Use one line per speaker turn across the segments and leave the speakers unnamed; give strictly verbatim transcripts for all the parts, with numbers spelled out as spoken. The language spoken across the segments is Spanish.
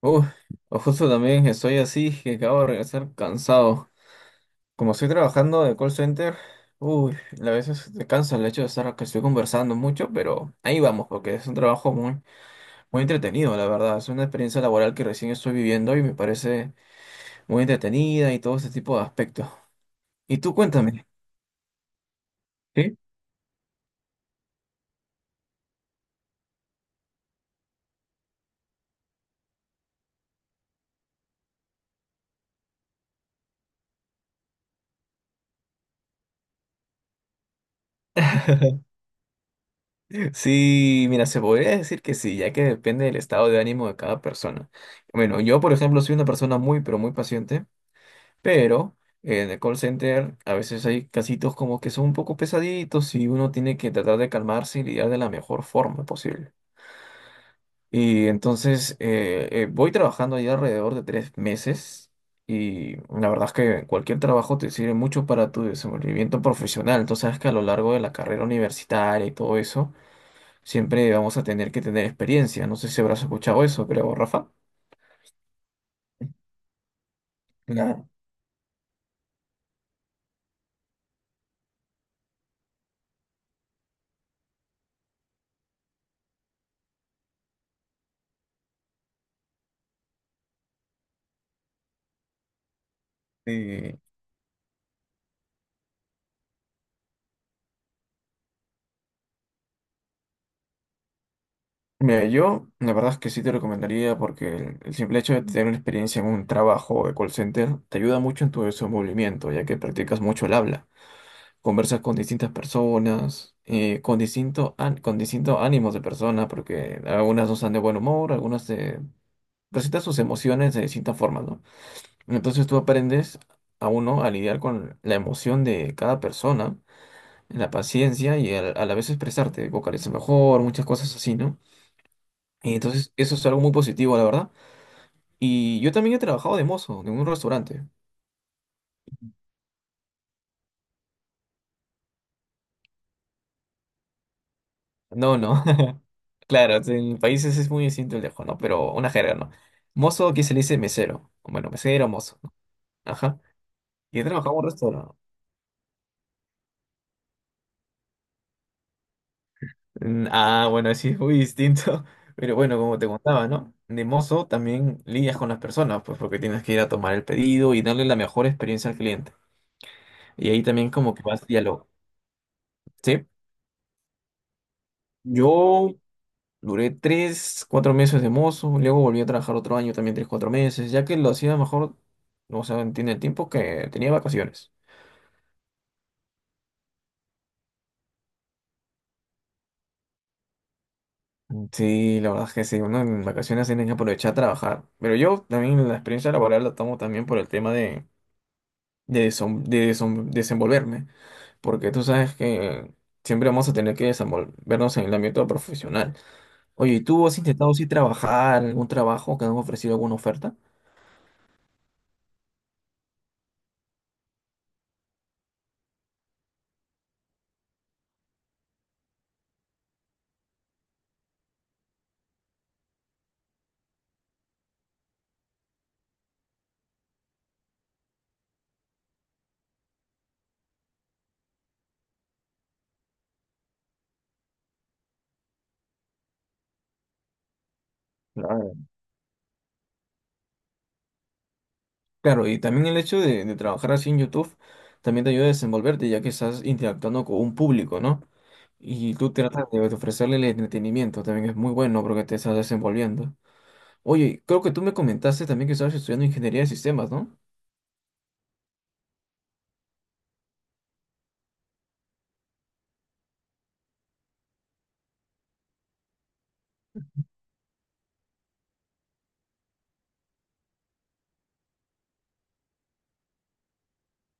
Uh, o justo también estoy así que acabo de regresar cansado. Como estoy trabajando de call center, uy, a veces te cansa el hecho de estar que estoy conversando mucho, pero ahí vamos, porque es un trabajo muy, muy entretenido, la verdad. Es una experiencia laboral que recién estoy viviendo y me parece muy entretenida y todo ese tipo de aspectos. Y tú cuéntame, ¿sí? Sí, mira, se podría decir que sí, ya que depende del estado de ánimo de cada persona. Bueno, yo, por ejemplo, soy una persona muy, pero muy paciente. Pero eh, en el call center a veces hay casitos como que son un poco pesaditos y uno tiene que tratar de calmarse y lidiar de la mejor forma posible. Y entonces eh, eh, voy trabajando ya alrededor de tres meses y la verdad es que cualquier trabajo te sirve mucho para tu desenvolvimiento profesional. Entonces sabes que a lo largo de la carrera universitaria y todo eso, siempre vamos a tener que tener experiencia. No sé si habrás escuchado eso, creo, Rafa. Claro. Mira, yo la verdad es que sí te recomendaría porque el, el simple hecho de tener una experiencia en un trabajo de call center te ayuda mucho en tu desenvolvimiento, ya que practicas mucho el habla, conversas con distintas personas, eh, con distinto án- con distintos ánimos de personas, porque algunas no están de buen humor, algunas te presentan sus emociones de distintas formas, ¿no? Entonces tú aprendes a uno a lidiar con la emoción de cada persona, la paciencia y al- a la vez expresarte, vocalizar mejor, muchas cosas así, ¿no? Y entonces eso es algo muy positivo, la verdad. Y yo también he trabajado de mozo en un restaurante. No, no. Claro, sí, en países es muy distinto el dejo, ¿no? Pero una jerga, ¿no? Mozo aquí se le dice mesero. Bueno, mesero, mozo, ¿no? Ajá. Y he trabajado en un restaurante. Mm, Ah, bueno, sí, es muy distinto. Pero bueno, como te contaba, ¿no? De mozo también lidias con las personas, pues porque tienes que ir a tomar el pedido y darle la mejor experiencia al cliente. Y ahí también como que vas diálogo. ¿Sí? Yo duré tres, cuatro meses de mozo, luego volví a trabajar otro año también tres, cuatro meses, ya que lo hacía mejor, o sea, en el tiempo que tenía vacaciones. Sí, la verdad es que sí, uno en vacaciones tiene que aprovechar a trabajar, pero yo también la experiencia laboral la tomo también por el tema de, de, desom- de desom- desenvolverme, porque tú sabes que siempre vamos a tener que desenvolvernos en el ámbito profesional. Oye, ¿y tú has intentado sí trabajar, algún trabajo que han ofrecido alguna oferta? Claro, y también el hecho de, de trabajar así en YouTube también te ayuda a desenvolverte, ya que estás interactuando con un público, ¿no? Y tú tratas de ofrecerle el entretenimiento, también es muy bueno porque te estás desenvolviendo. Oye, creo que tú me comentaste también que estabas estudiando ingeniería de sistemas, ¿no?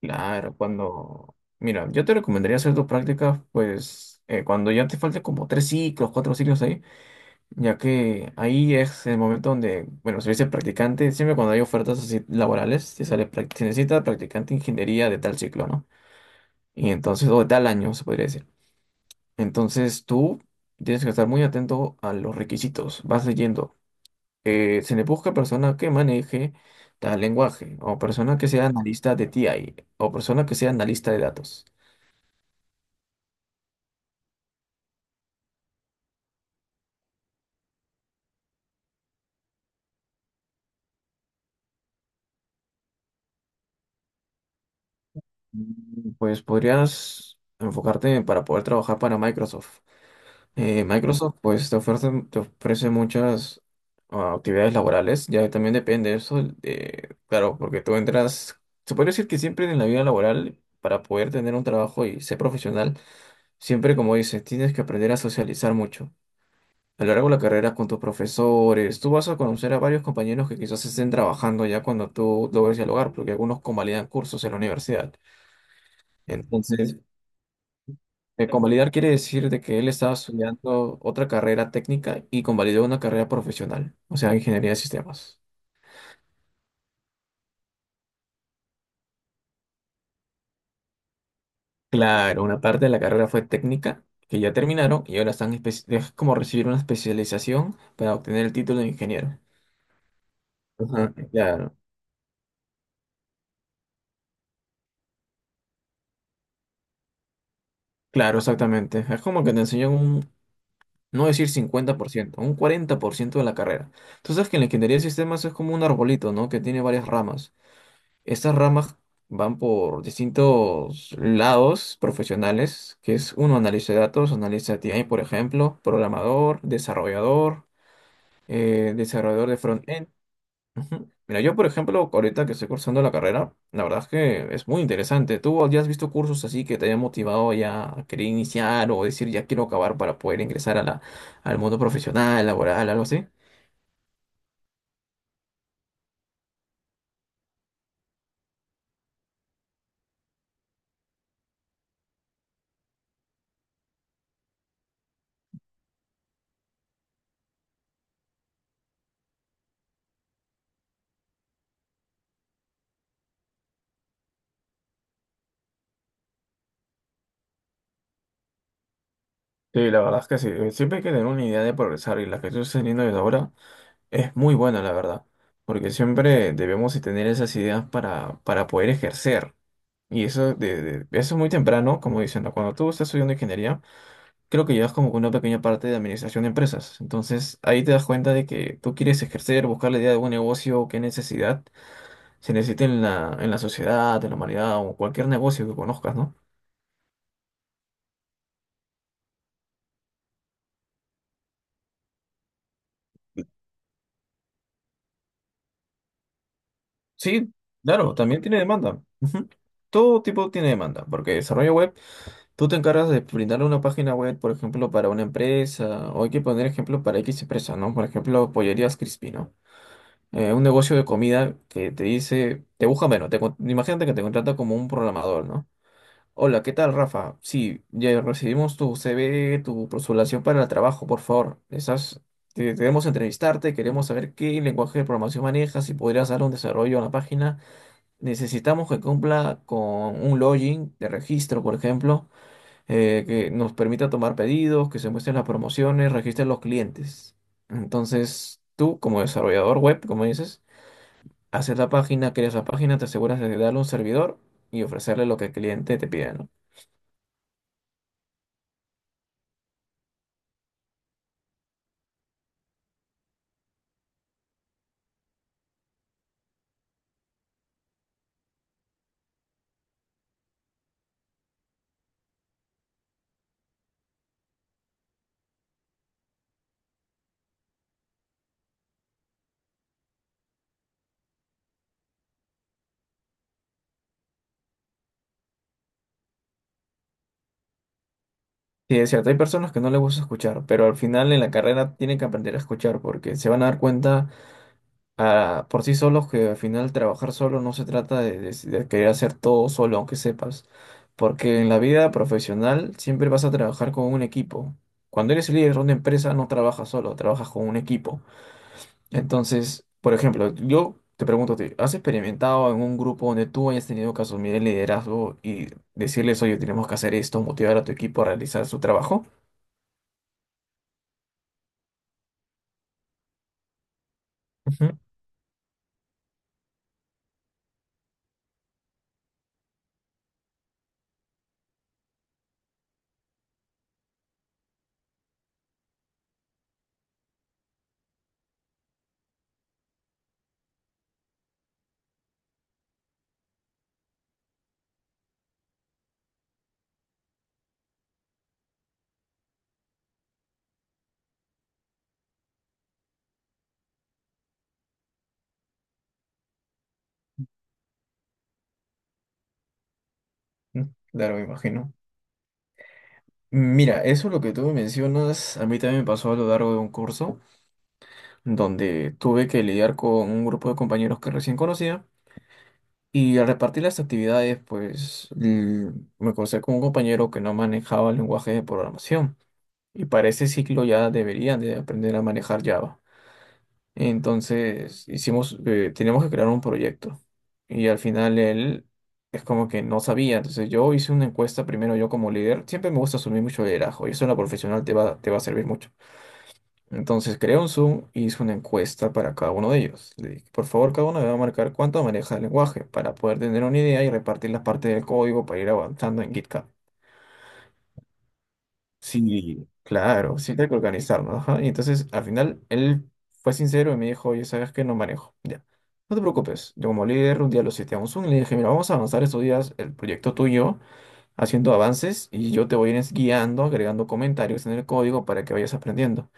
Claro, cuando... Mira, yo te recomendaría hacer tus prácticas, pues, eh, cuando ya te falten como tres ciclos, cuatro ciclos ahí. Ya que ahí es el momento donde, bueno, se dice practicante, siempre cuando hay ofertas así laborales, te sale, prac- se necesita practicante de ingeniería de tal ciclo, ¿no? Y entonces, o de tal año, se podría decir. Entonces tú tienes que estar muy atento a los requisitos, vas leyendo. Eh, se le busca persona que maneje tal lenguaje, o persona que sea analista de T I o persona que sea analista de datos. Mm, Pues podrías enfocarte para poder trabajar para Microsoft. Eh, Microsoft pues te ofrece, te ofrece muchas ah, actividades laborales, ya también depende de eso, de- claro, porque tú entras, se puede decir que siempre en la vida laboral, para poder tener un trabajo y ser profesional, siempre como dices, tienes que aprender a socializar mucho. A lo largo de la carrera con tus profesores, tú vas a conocer a varios compañeros que quizás estén trabajando ya cuando tú logres dialogar, porque algunos convalidan cursos en la universidad. Entonces, eh, convalidar quiere decir de que él estaba estudiando otra carrera técnica y convalidó una carrera profesional, o sea, ingeniería de sistemas. Claro, una parte de la carrera fue técnica, que ya terminaron, y ahora están espe- es como recibir una especialización para obtener el título de ingeniero. Ajá, claro, claro, exactamente. Es como que te enseñan un, no decir cincuenta por ciento, un cuarenta por ciento de la carrera. Tú sabes que en la ingeniería de sistemas es como un arbolito, ¿no? Que tiene varias ramas. Estas ramas van por distintos lados profesionales, que es uno, analista de datos, analista de T I por ejemplo, programador, desarrollador, eh, desarrollador de front-end. Ujú. Mira, yo, por ejemplo, ahorita que estoy cursando la carrera, la verdad es que es muy interesante. ¿Tú ya has visto cursos así que te hayan motivado ya a querer iniciar o decir ya quiero acabar para poder ingresar a la, al mundo profesional, laboral, algo así? Sí, la verdad es que sí. eh, Siempre hay que tener una idea de progresar y la que estoy teniendo desde ahora. Es muy buena, la verdad, porque siempre debemos de tener esas ideas para, para poder ejercer. Y eso, de, de- eso es muy temprano, como dicen, ¿no? Cuando tú estás estudiando ingeniería, creo que llevas como que una pequeña parte de administración de empresas. Entonces, ahí te das cuenta de que tú quieres ejercer, buscar la idea de un negocio, qué necesidad se necesita en la, en la sociedad, en la humanidad o cualquier negocio que conozcas, ¿no? Sí, claro, también tiene demanda. Ujú. Todo tipo tiene demanda, porque desarrollo web. Tú te encargas de brindar una página web, por ejemplo, para una empresa, o hay que poner ejemplo para X empresa, ¿no? Por ejemplo, Pollerías Crispy, ¿no? Eh, un negocio de comida que te dice, te busca menos, te con- imagínate que te contrata como un programador, ¿no? Hola, ¿qué tal, Rafa? Sí, ya recibimos tu C V, tu postulación para el trabajo, por favor. Estás, te- queremos entrevistarte, queremos saber qué lenguaje de programación manejas, si podrías dar un desarrollo a la página. Necesitamos que cumpla con un login de registro, por ejemplo eh, que nos permita tomar pedidos, que se muestren las promociones, registren los clientes. Entonces, tú como desarrollador web, como dices, haces la página, creas la página, te aseguras de darle un servidor y ofrecerle lo que el cliente te pide, ¿no? Sí, es cierto, hay personas que no les gusta escuchar, pero al final en la carrera tienen que aprender a escuchar porque se van a dar cuenta ah, por sí solos, que al final trabajar solo no se trata de, de- de querer hacer todo solo, aunque sepas. Porque en la vida profesional siempre vas a trabajar con un equipo. Cuando eres el líder de una empresa no trabajas solo, trabajas con un equipo. Entonces, por ejemplo, yo te pregunto, a ti, ¿has experimentado en un grupo donde tú hayas tenido que asumir el liderazgo y decirles, oye, tenemos que hacer esto, motivar a tu equipo a realizar su trabajo? Ujú. mm, Claro, me imagino. Mira, eso lo que tú mencionas, a mí también me pasó a lo largo de un curso, donde tuve que lidiar con un grupo de compañeros que recién conocía y al repartir las actividades, pues l- me crucé con un compañero que no manejaba el lenguaje de programación y para ese ciclo ya deberían de aprender a manejar Java. Entonces hicimos, eh, teníamos que crear un proyecto y al final él es como que no sabía, entonces yo hice una encuesta primero yo como líder, siempre me gusta asumir mucho liderazgo y eso en la profesional te va, te va a servir mucho. Entonces creé un Zoom y hice una encuesta para cada uno de ellos. Le dije, por favor, cada uno debe marcar cuánto maneja el lenguaje para poder tener una idea y repartir las partes del código para ir avanzando en GitHub. Sí, claro, sí hay que organizarnos, ajá. Y entonces al final él fue sincero y me dijo, oye, sabes que no manejo. Ya, no te preocupes. Yo como líder un día lo cité a un Zoom y le dije, mira, vamos a avanzar estos días el proyecto tuyo, haciendo avances y yo te voy a ir guiando, agregando comentarios en el código para que vayas aprendiendo.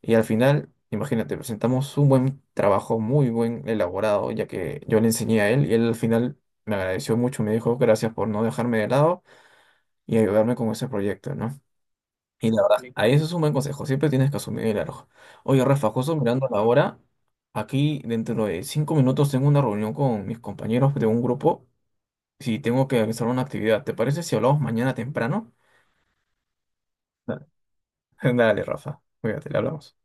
Y al final, imagínate, presentamos un buen trabajo, muy buen elaborado, ya que yo le enseñé a él y él al final me agradeció mucho, me dijo gracias por no dejarme de lado y ayudarme con ese proyecto, ¿no? Y la verdad, sí, ahí eso es un buen consejo, siempre tienes que asumir el error. Oye, Rafa, justo mirando la hora, aquí dentro de cinco minutos tengo una reunión con mis compañeros de un grupo, si tengo que realizar una actividad, ¿te parece si hablamos mañana temprano? Dale, dale, Rafa, cuídate, le hablamos.